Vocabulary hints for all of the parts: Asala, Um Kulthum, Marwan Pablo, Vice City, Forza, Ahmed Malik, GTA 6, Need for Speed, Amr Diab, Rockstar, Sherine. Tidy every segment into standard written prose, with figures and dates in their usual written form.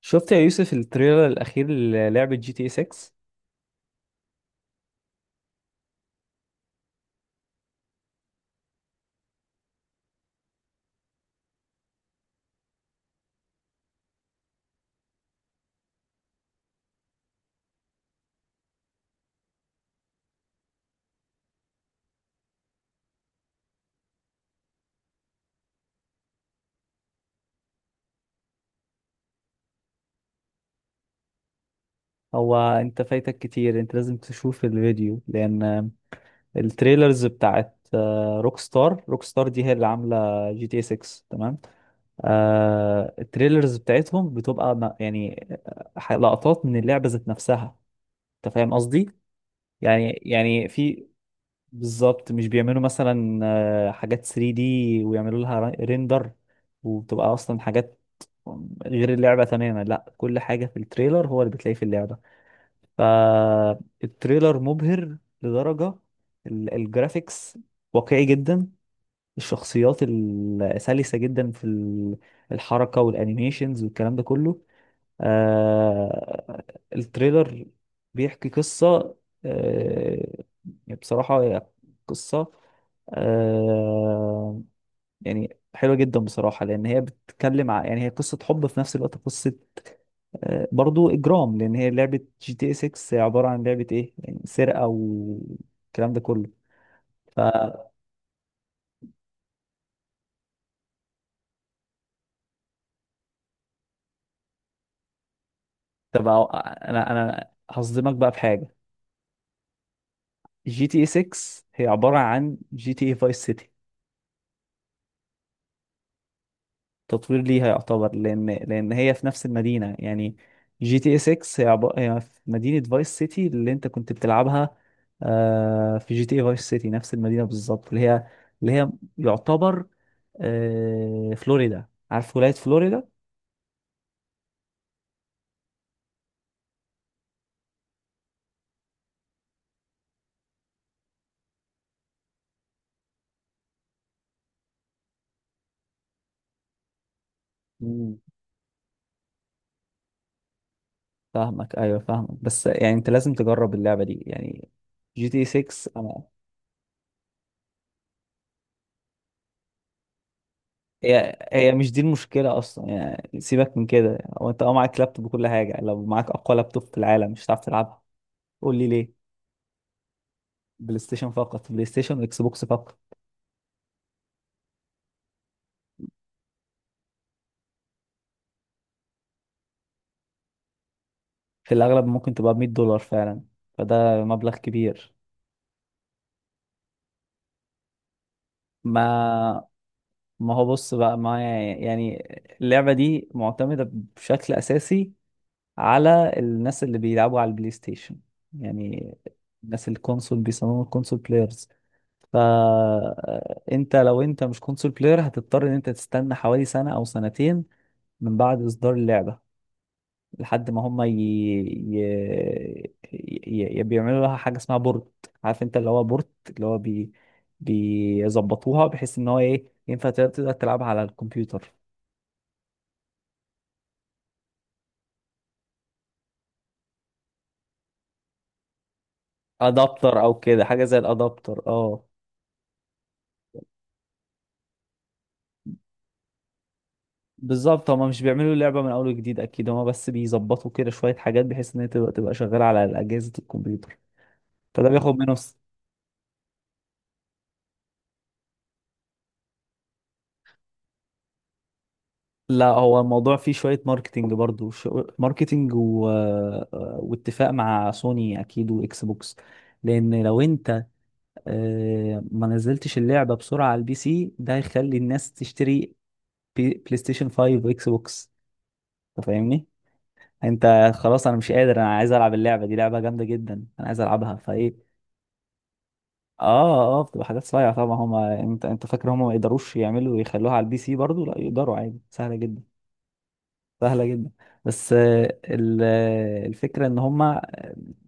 شفت يا يوسف التريلر الأخير للعبة جي تي 6؟ هو أنت فايتك كتير. أنت لازم تشوف الفيديو، لأن التريلرز بتاعت روك ستار دي هي اللي عاملة جي تي 6، تمام. التريلرز بتاعتهم بتبقى يعني لقطات من اللعبة ذات نفسها. أنت فاهم قصدي؟ يعني في. بالظبط، مش بيعملوا مثلا حاجات 3D ويعملوا لها ريندر، وبتبقى اصلا حاجات غير اللعبة تماما. لا، كل حاجة في التريلر هو اللي بتلاقيه في اللعبة. فالتريلر مبهر لدرجة، الجرافيكس واقعي جدا، الشخصيات سلسة جدا في الحركة والانيميشنز والكلام ده كله. آه التريلر بيحكي قصة، آه بصراحة، قصة آه يعني حلوة جدا بصراحة، لأن هي بتتكلم يعني هي قصة حب في نفس الوقت، قصة برضو إجرام، لأن هي لعبة جي تي 6، هي عبارة عن لعبة إيه يعني سرقة والكلام ده كله. فتبقى. أنا هصدمك بقى في حاجة. جي تي 6 هي عبارة عن جي تي إيه فايس سيتي. تطوير ليها يعتبر، لان هي في نفس المدينه يعني. جي تي اي 6 هي هي في مدينه فايس سيتي اللي انت كنت بتلعبها. في جي تي اي فايس سيتي نفس المدينه بالظبط، اللي هي يعتبر فلوريدا. عارف ولايه فلوريدا؟ مم. فاهمك، ايوه فاهمك. بس يعني انت لازم تجرب اللعبه دي، يعني جي تي 6. انا. هي مش دي المشكله اصلا، يعني سيبك من كده. هو انت معاك لابتوب وكل حاجه، لو معاك اقوى لابتوب في العالم مش هتعرف تلعبها. قول لي ليه. بلاي ستيشن، فقط بلاي ستيشن واكس بوكس فقط. في الاغلب ممكن تبقى ب $100 فعلا. فده مبلغ كبير. ما ما هو بص بقى، ما يعني اللعبة دي معتمدة بشكل اساسي على الناس اللي بيلعبوا على البلاي ستيشن، يعني الناس الكونسول بيسموهم الكونسول بلايرز. فانت لو مش كونسول بلاير، هتضطر ان انت تستنى حوالي سنة او سنتين من بعد اصدار اللعبة، لحد ما هم بيعملوا لها حاجه اسمها بورد. عارف انت اللي هو بورد؟ اللي هو بيظبطوها بحيث ان هو ايه ينفع تقدر تلعبها على الكمبيوتر. ادابتر او كده، حاجه زي الادابتر. اه، بالظبط. هما مش بيعملوا اللعبه من اول وجديد، اكيد هما بس بيظبطوا كده شويه حاجات بحيث ان هي تبقى شغاله على اجهزه الكمبيوتر. فده بياخد منهم. لا، هو الموضوع فيه شوية ماركتينج برضو، ماركتينج و واتفاق مع سوني أكيد وإكس بوكس. لأن لو أنت ما نزلتش اللعبة بسرعة على البي سي، ده هيخلي الناس تشتري بلاي ستيشن 5 وإكس بوكس. أنت فاهمني؟ أنت خلاص، أنا مش قادر، أنا عايز ألعب اللعبة دي، لعبة جامدة جدا، أنا عايز ألعبها فإيه. اه، اه، بتبقى حاجات صايعة طبعا. هما، انت فاكر هما ما يقدروش يعملوا يخلوها على البي سي؟ برضو، لا، يقدروا عادي، سهلة جدا. سهلة جدا. بس الفكرة ان هما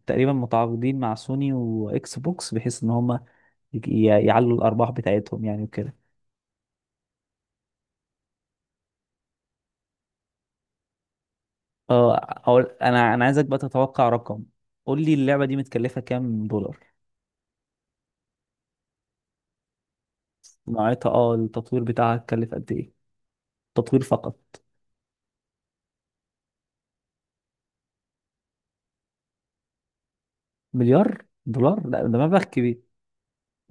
تقريبا متعاقدين مع سوني واكس بوكس بحيث ان هما يعلوا الارباح بتاعتهم يعني وكده. اه، أقول، انا عايزك بقى تتوقع رقم. قول لي اللعبة دي متكلفة كام دولار. صناعتها، التطوير بتاعها اتكلف قد ايه؟ تطوير فقط. مليار دولار؟ لا، ده مبلغ كبير.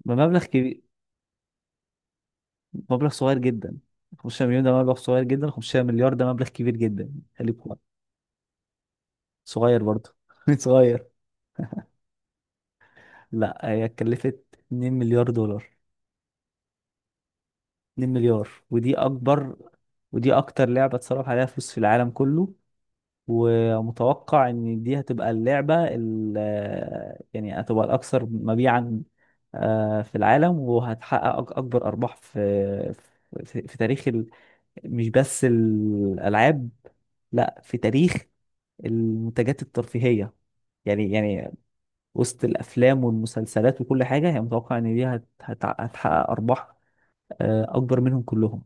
ده مبلغ كبير. مبلغ صغير جدا. 500 مليون، ده مليون، ده مبلغ صغير جدا. 500 مليار، ده مبلغ كبير جدا. خليك. صغير برضه. صغير. لا، هي اتكلفت 2 مليار دولار. 2 مليار، ودي اكبر، ودي اكتر لعبة اتصرف عليها فلوس في العالم كله، ومتوقع ان دي هتبقى اللعبة يعني هتبقى الاكثر مبيعا في العالم، وهتحقق اكبر ارباح في في تاريخ مش بس الالعاب، لا، في تاريخ المنتجات الترفيهية، يعني وسط الافلام والمسلسلات وكل حاجه، هي متوقع ان دي هتحقق ارباح اكبر منهم كلهم.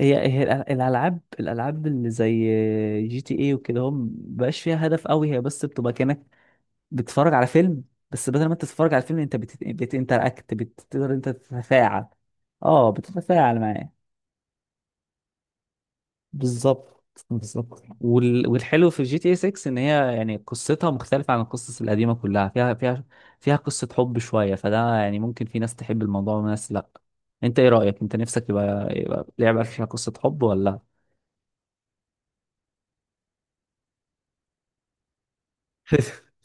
هي الالعاب اللي زي جي تي اي وكده، هم مبقاش فيها هدف قوي، هي بس بتبقى كانك بتتفرج على فيلم. بس بدل ما انت تتفرج على الفيلم، انت بتنتراكت، بتقدر انت تتفاعل. اه، بتتفاعل معاه. بالظبط، بالظبط. والحلو في جي تي اي 6 ان هي يعني قصتها مختلفة عن القصص القديمة كلها، فيها، فيها قصة حب شوية. فده يعني ممكن في ناس تحب الموضوع وناس لا. انت ايه رأيك انت نفسك؟ يبقى لعبة فيها قصة حب ولا؟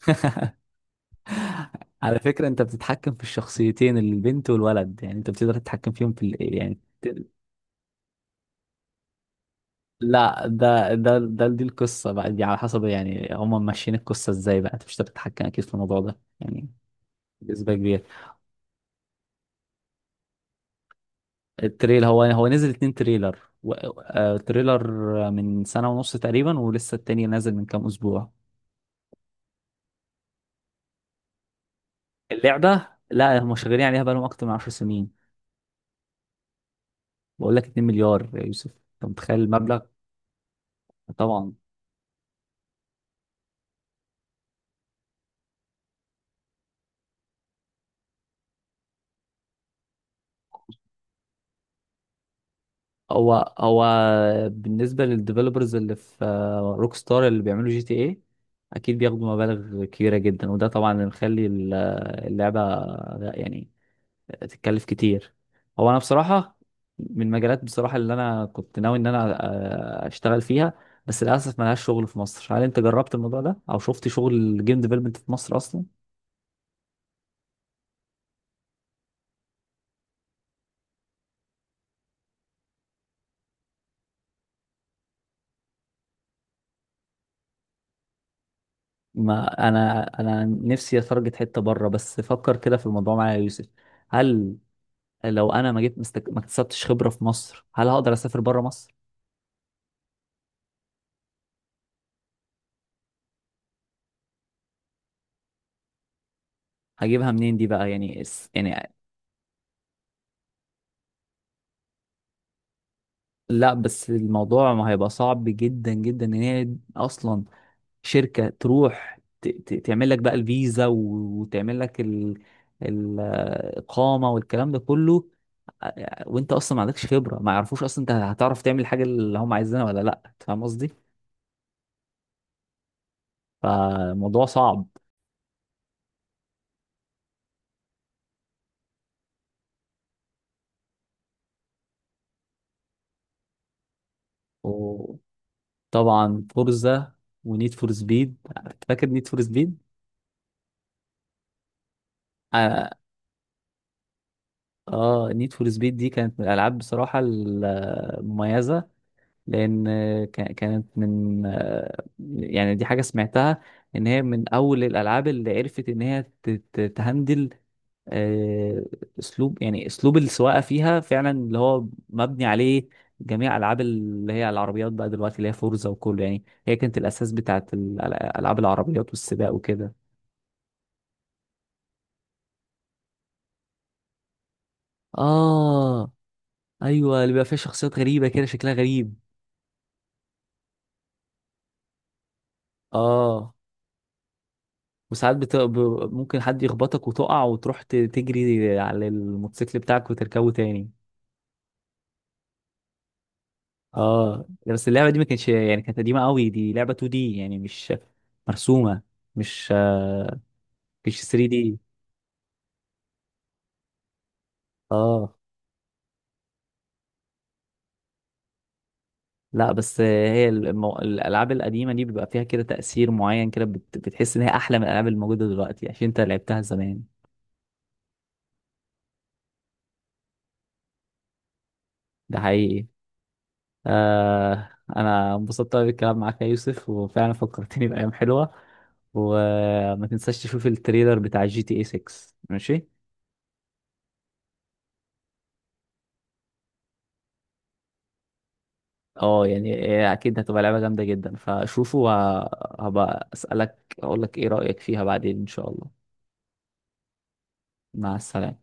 على فكرة، انت بتتحكم في الشخصيتين البنت والولد، يعني انت بتقدر تتحكم فيهم في يعني لا، ده ده ده دي القصة بقى، دي على حسب يعني هم ماشيين القصة ازاي بقى، انت مش هتقدر تتحكم اكيد في الموضوع ده يعني. بنسبة كبيرة. التريل. هو نزل 2 تريلر و... آه، تريلر من سنة ونص تقريبا، ولسه التاني نازل من كام أسبوع. اللعبة، لا، هم شغالين عليها بقالهم أكتر من 10 سنين. بقول لك 2 مليار يا يوسف، أنت متخيل المبلغ؟ طبعا. هو بالنسبة للديفلوبرز اللي في روك ستار اللي بيعملوا جي تي ايه، أكيد بياخدوا مبالغ كبيرة جدا، وده طبعا اللي مخلي اللعبة يعني تتكلف كتير. هو انا بصراحه، من المجالات بصراحه اللي انا كنت ناوي ان انا اشتغل فيها، بس للاسف ما لهاش شغل في مصر. هل انت جربت الموضوع ده او شفت شغل جيم ديفلوبمنت في مصر اصلا؟ ما انا، نفسي اتارجت حته بره، بس فكر كده في الموضوع معايا يا يوسف. هل لو انا ما جيت مستك... ما اكتسبتش خبره في مصر، هل هقدر اسافر بره مصر؟ هجيبها منين دي بقى يعني؟ يعني. لا، بس الموضوع ما هيبقى صعب جدا جدا ان هي اصلا شركة تروح تعمل لك بقى الفيزا وتعمل لك الإقامة والكلام ده كله. وانت اصلا ما عندكش خبرة، ما يعرفوش اصلا انت هتعرف تعمل الحاجة اللي هم عايزينها ولا لا. أنت فاهم قصدي؟ فالموضوع صعب. وطبعا فورزا ونيد فور سبيد. فاكر نيد فور سبيد؟ اه. نيد فور سبيد دي كانت من الالعاب بصراحة المميزة، لان كانت من يعني دي حاجه سمعتها ان هي من اول الالعاب اللي عرفت ان هي تهندل آه، اسلوب، يعني اسلوب السواقه فيها فعلا اللي هو مبني عليه جميع العاب اللي هي العربيات بقى دلوقتي اللي هي فورزا وكله، يعني هي كانت الاساس بتاعت العاب العربيات والسباق وكده. اه، ايوه، اللي بيبقى فيها شخصيات غريبه كده شكلها غريب. اه، وساعات ممكن حد يخبطك وتقع وتروح تجري على الموتوسيكل بتاعك وتركبه تاني. اه، بس اللعبة دي ما كانتش، يعني كانت قديمة قوي، دي لعبة 2D يعني، مش مرسومة، مش مش 3D. اه. لا، بس هي الالعاب القديمة دي بيبقى فيها كده تأثير معين، كده بتحس ان هي احلى من الالعاب الموجودة دلوقتي عشان انت لعبتها زمان. ده حقيقي. آه. انا انبسطت قوي بالكلام معاك يا يوسف، وفعلا فكرتني بايام حلوه. وما تنساش تشوف التريلر بتاع جي تي اي 6. ماشي. اه، يعني إيه، اكيد هتبقى لعبه جامده جدا، فشوفه وهبقى اسالك اقول لك ايه رايك فيها بعدين ان شاء الله. مع السلامه.